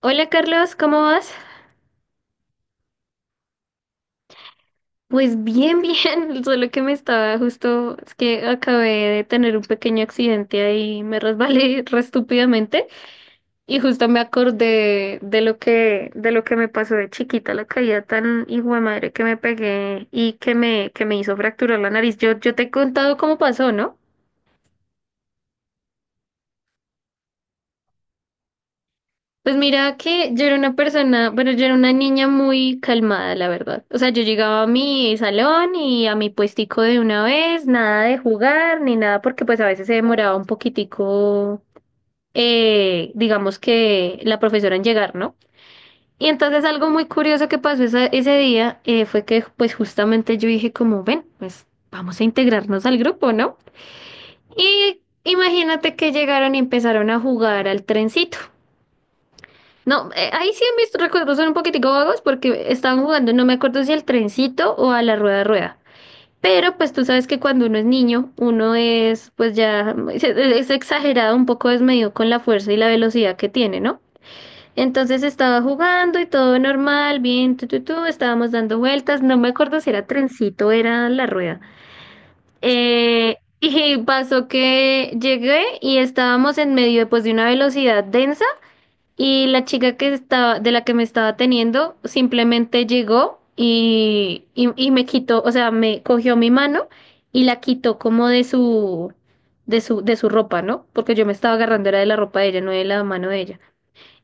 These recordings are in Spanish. Hola Carlos, ¿cómo vas? Pues bien, bien, solo que me estaba justo, es que acabé de tener un pequeño accidente ahí, me resbalé re estúpidamente y justo me acordé de lo que me pasó de chiquita, la caída tan hijo de madre que me pegué y que me hizo fracturar la nariz. Yo te he contado cómo pasó, ¿no? Pues mira que yo era una persona, bueno, yo era una niña muy calmada, la verdad. O sea, yo llegaba a mi salón y a mi puestico de una vez, nada de jugar ni nada, porque pues a veces se demoraba un poquitico, digamos que la profesora en llegar, ¿no? Y entonces algo muy curioso que pasó ese día fue que pues justamente yo dije como, ven, pues vamos a integrarnos al grupo, ¿no? Y imagínate que llegaron y empezaron a jugar al trencito. No, ahí sí mis recuerdos son un poquitico vagos porque estaban jugando, no me acuerdo si al trencito o a la rueda de rueda. Pero pues tú sabes que cuando uno es niño, uno es pues ya es exagerado, un poco desmedido con la fuerza y la velocidad que tiene, ¿no? Entonces estaba jugando y todo normal, bien, estábamos dando vueltas, no me acuerdo si era trencito o era la rueda. Y pasó que llegué y estábamos en medio pues de una velocidad densa y la chica que estaba, de la que me estaba teniendo simplemente llegó y me quitó, o sea, me cogió mi mano y la quitó como de su, de su ropa, ¿no? Porque yo me estaba agarrando era de la ropa de ella, no de la mano de ella.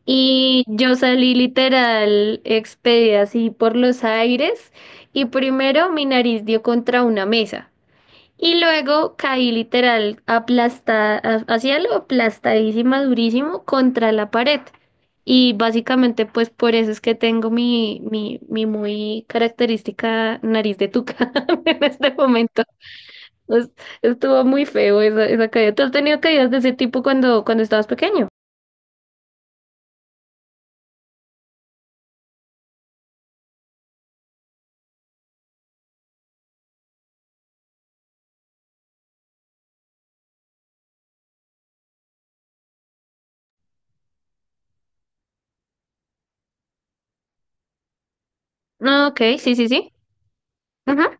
Y yo salí literal expedida así por los aires y primero mi nariz dio contra una mesa. Y luego caí literal aplastada, hacia lo aplastadísima, durísimo contra la pared. Y básicamente, pues por eso es que tengo mi muy característica nariz de tuca en este momento. Es- estuvo muy feo esa, esa caída. ¿Tú has tenido caídas de ese tipo cuando, cuando estabas pequeño? Ah, ok, sí, sí, sí. Ajá.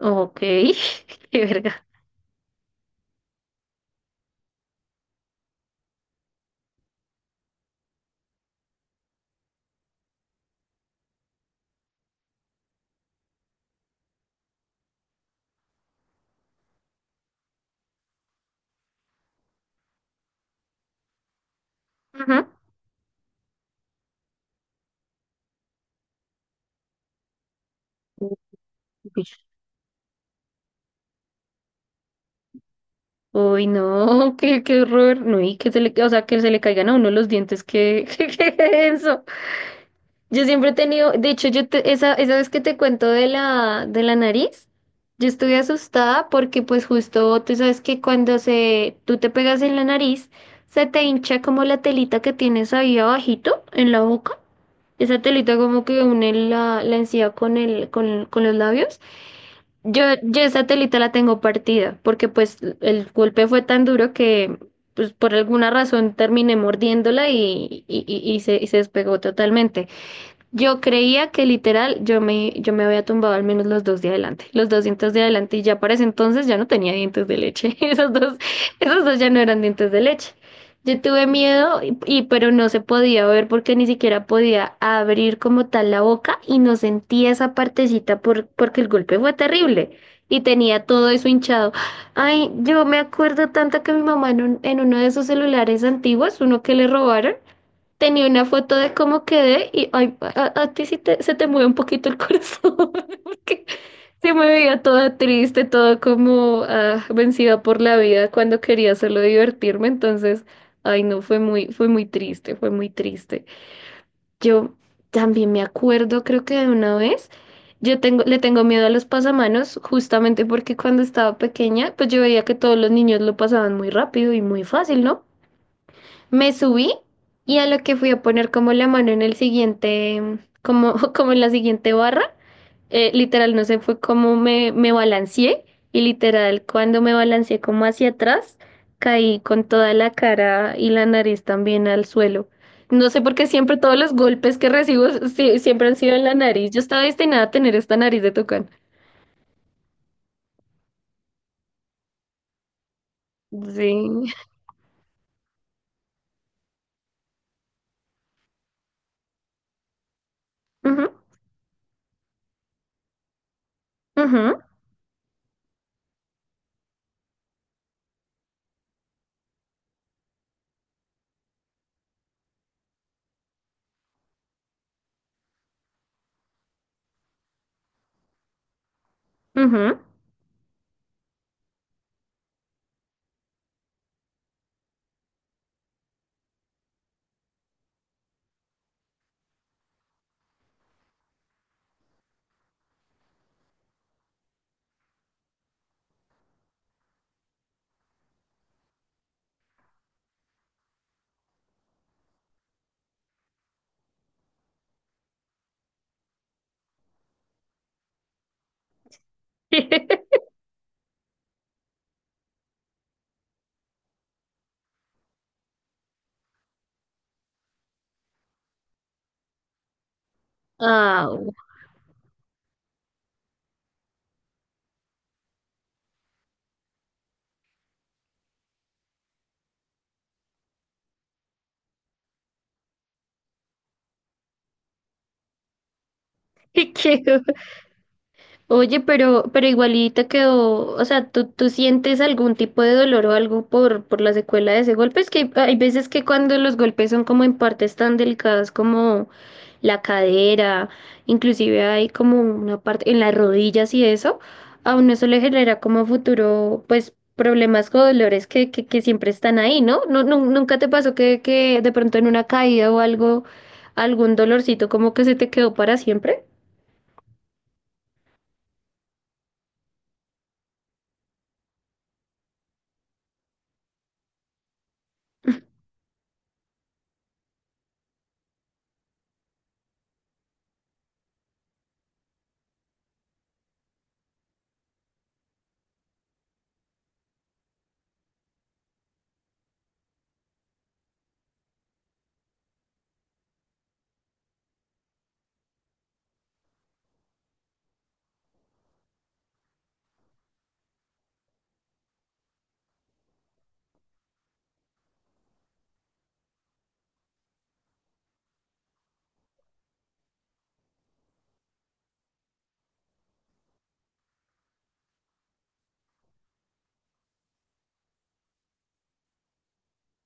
Ok, qué verga. Ajá. Uy, no, qué, qué horror. No, y que se le, o sea, que se le caigan a uno los dientes, qué, qué, eso. Yo siempre he tenido, de hecho, esa, esa vez que te cuento de la nariz, yo estuve asustada porque pues justo tú sabes que cuando se, tú te pegas en la nariz, se te hincha como la telita que tienes ahí abajito en la boca. Esa telita como que une la, la encía con el, con los labios. Yo esa telita la tengo partida, porque pues el golpe fue tan duro que pues por alguna razón terminé mordiéndola y se, y se despegó totalmente. Yo creía que literal yo me había tumbado al menos los dos de adelante, los dos dientes de adelante y ya para ese entonces ya no tenía dientes de leche, esos dos ya no eran dientes de leche. Yo tuve miedo pero no se podía ver porque ni siquiera podía abrir como tal la boca y no sentía esa partecita por, porque el golpe fue terrible y tenía todo eso hinchado. Ay, yo me acuerdo tanto que mi mamá en, en uno de esos celulares antiguos, uno que le robaron, tenía una foto de cómo quedé y ay, a ti sí se te mueve un poquito el corazón, porque se me veía toda triste, toda como ah, vencida por la vida cuando quería solo divertirme, entonces, ay no, fue muy triste, fue muy triste. Yo también me acuerdo, creo que de una vez, yo tengo, le tengo miedo a los pasamanos, justamente porque cuando estaba pequeña, pues yo veía que todos los niños lo pasaban muy rápido y muy fácil, ¿no? Me subí y a lo que fui a poner como la mano en el siguiente, como, como en la siguiente barra, literal, no sé, fue como me balanceé y literal, cuando me balanceé como hacia atrás, caí con toda la cara y la nariz también al suelo. No sé por qué siempre todos los golpes que recibo siempre han sido en la nariz. Yo estaba destinada a tener esta nariz de tucán. Sí. Ujú, ujú, ujú. Au. Qué. Oye, pero igualita quedó, o sea, ¿tú sientes algún tipo de dolor o algo por la secuela de ese golpe? Es que hay, veces que cuando los golpes son como en partes tan delicadas como la cadera, inclusive hay como una parte en las rodillas y eso, a uno eso le genera como futuro, pues, problemas o dolores que siempre están ahí, ¿no? No, no, ¿nunca te pasó que de pronto en una caída o algo, algún dolorcito como que se te quedó para siempre?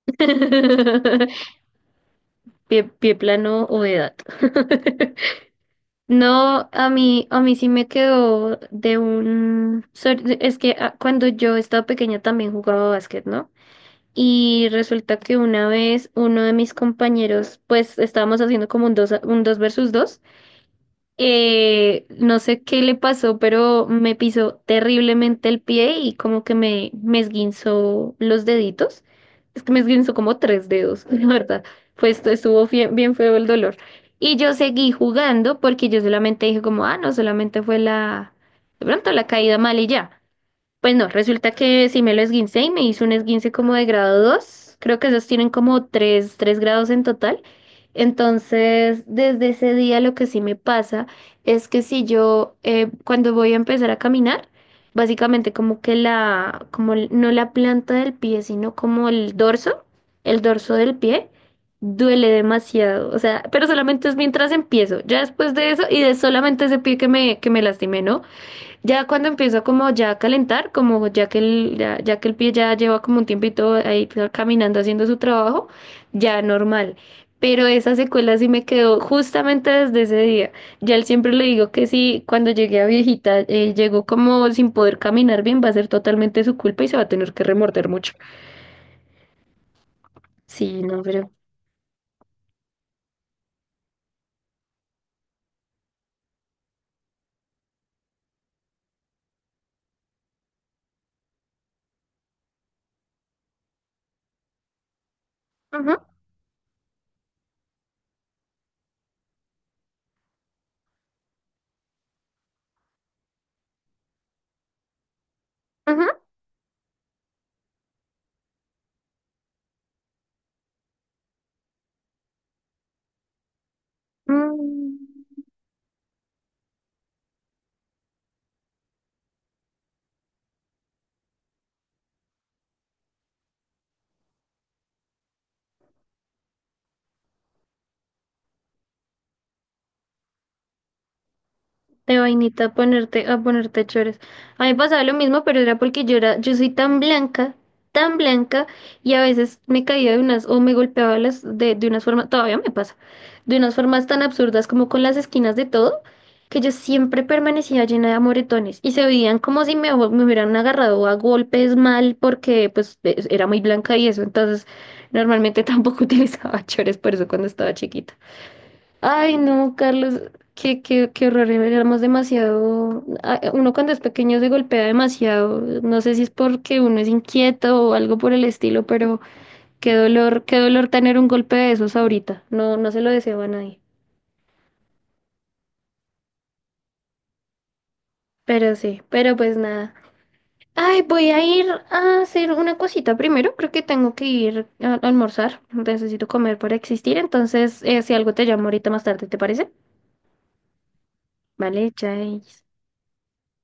Pie, pie plano o edad. No, a mí sí me quedó de un... Es que ah, cuando yo estaba pequeña también jugaba básquet, ¿no? Y resulta que una vez uno de mis compañeros, pues estábamos haciendo como un dos, un dos versus dos no sé qué le pasó, pero me pisó terriblemente el pie y como que me esguinzó los deditos. Es que me esguinzó como tres dedos, la verdad. Pues esto estuvo bien feo el dolor. Y yo seguí jugando porque yo solamente dije como, ah, no, solamente fue la, de pronto la caída mal y ya. Pues no, resulta que sí me lo esguincé y me hice un esguince como de grado 2, creo que esos tienen como tres, tres grados en total. Entonces, desde ese día lo que sí me pasa es que si yo, cuando voy a empezar a caminar, básicamente como que la, no la planta del pie, sino como el dorso del pie, duele demasiado. O sea, pero solamente es mientras empiezo. Ya después de eso y de solamente ese pie que me lastimé, ¿no? Ya cuando empieza como ya a calentar, como ya que el, ya, ya que el pie ya lleva como un tiempito ahí caminando haciendo su trabajo, ya normal. Pero esa secuela sí me quedó justamente desde ese día. Ya él siempre le digo que sí, cuando llegué a viejita, llegó como sin poder caminar bien, va a ser totalmente su culpa y se va a tener que remorder mucho. Sí, no, pero... Ajá, ajá. Mm. De vainita a ponerte chores. A mí me pasaba lo mismo, pero era porque yo era, yo soy tan blanca, y a veces me caía de unas, o me golpeaba las, de unas formas, todavía me pasa, de unas formas tan absurdas como con las esquinas de todo, que yo siempre permanecía llena de amoretones, y se veían como si me, me hubieran agarrado a golpes mal, porque pues era muy blanca y eso, entonces normalmente tampoco utilizaba chores por eso cuando estaba chiquita. Ay, no, Carlos, qué, qué, qué horror, éramos demasiado, ah, uno cuando es pequeño se golpea demasiado, no sé si es porque uno es inquieto o algo por el estilo, pero qué dolor tener un golpe de esos ahorita, no, no se lo deseo a nadie, pero sí, pero pues nada. Ay, voy a ir a hacer una cosita primero, creo que tengo que ir a almorzar, necesito comer para existir, entonces si algo te llamo ahorita más tarde, ¿te parece? Vale, chais.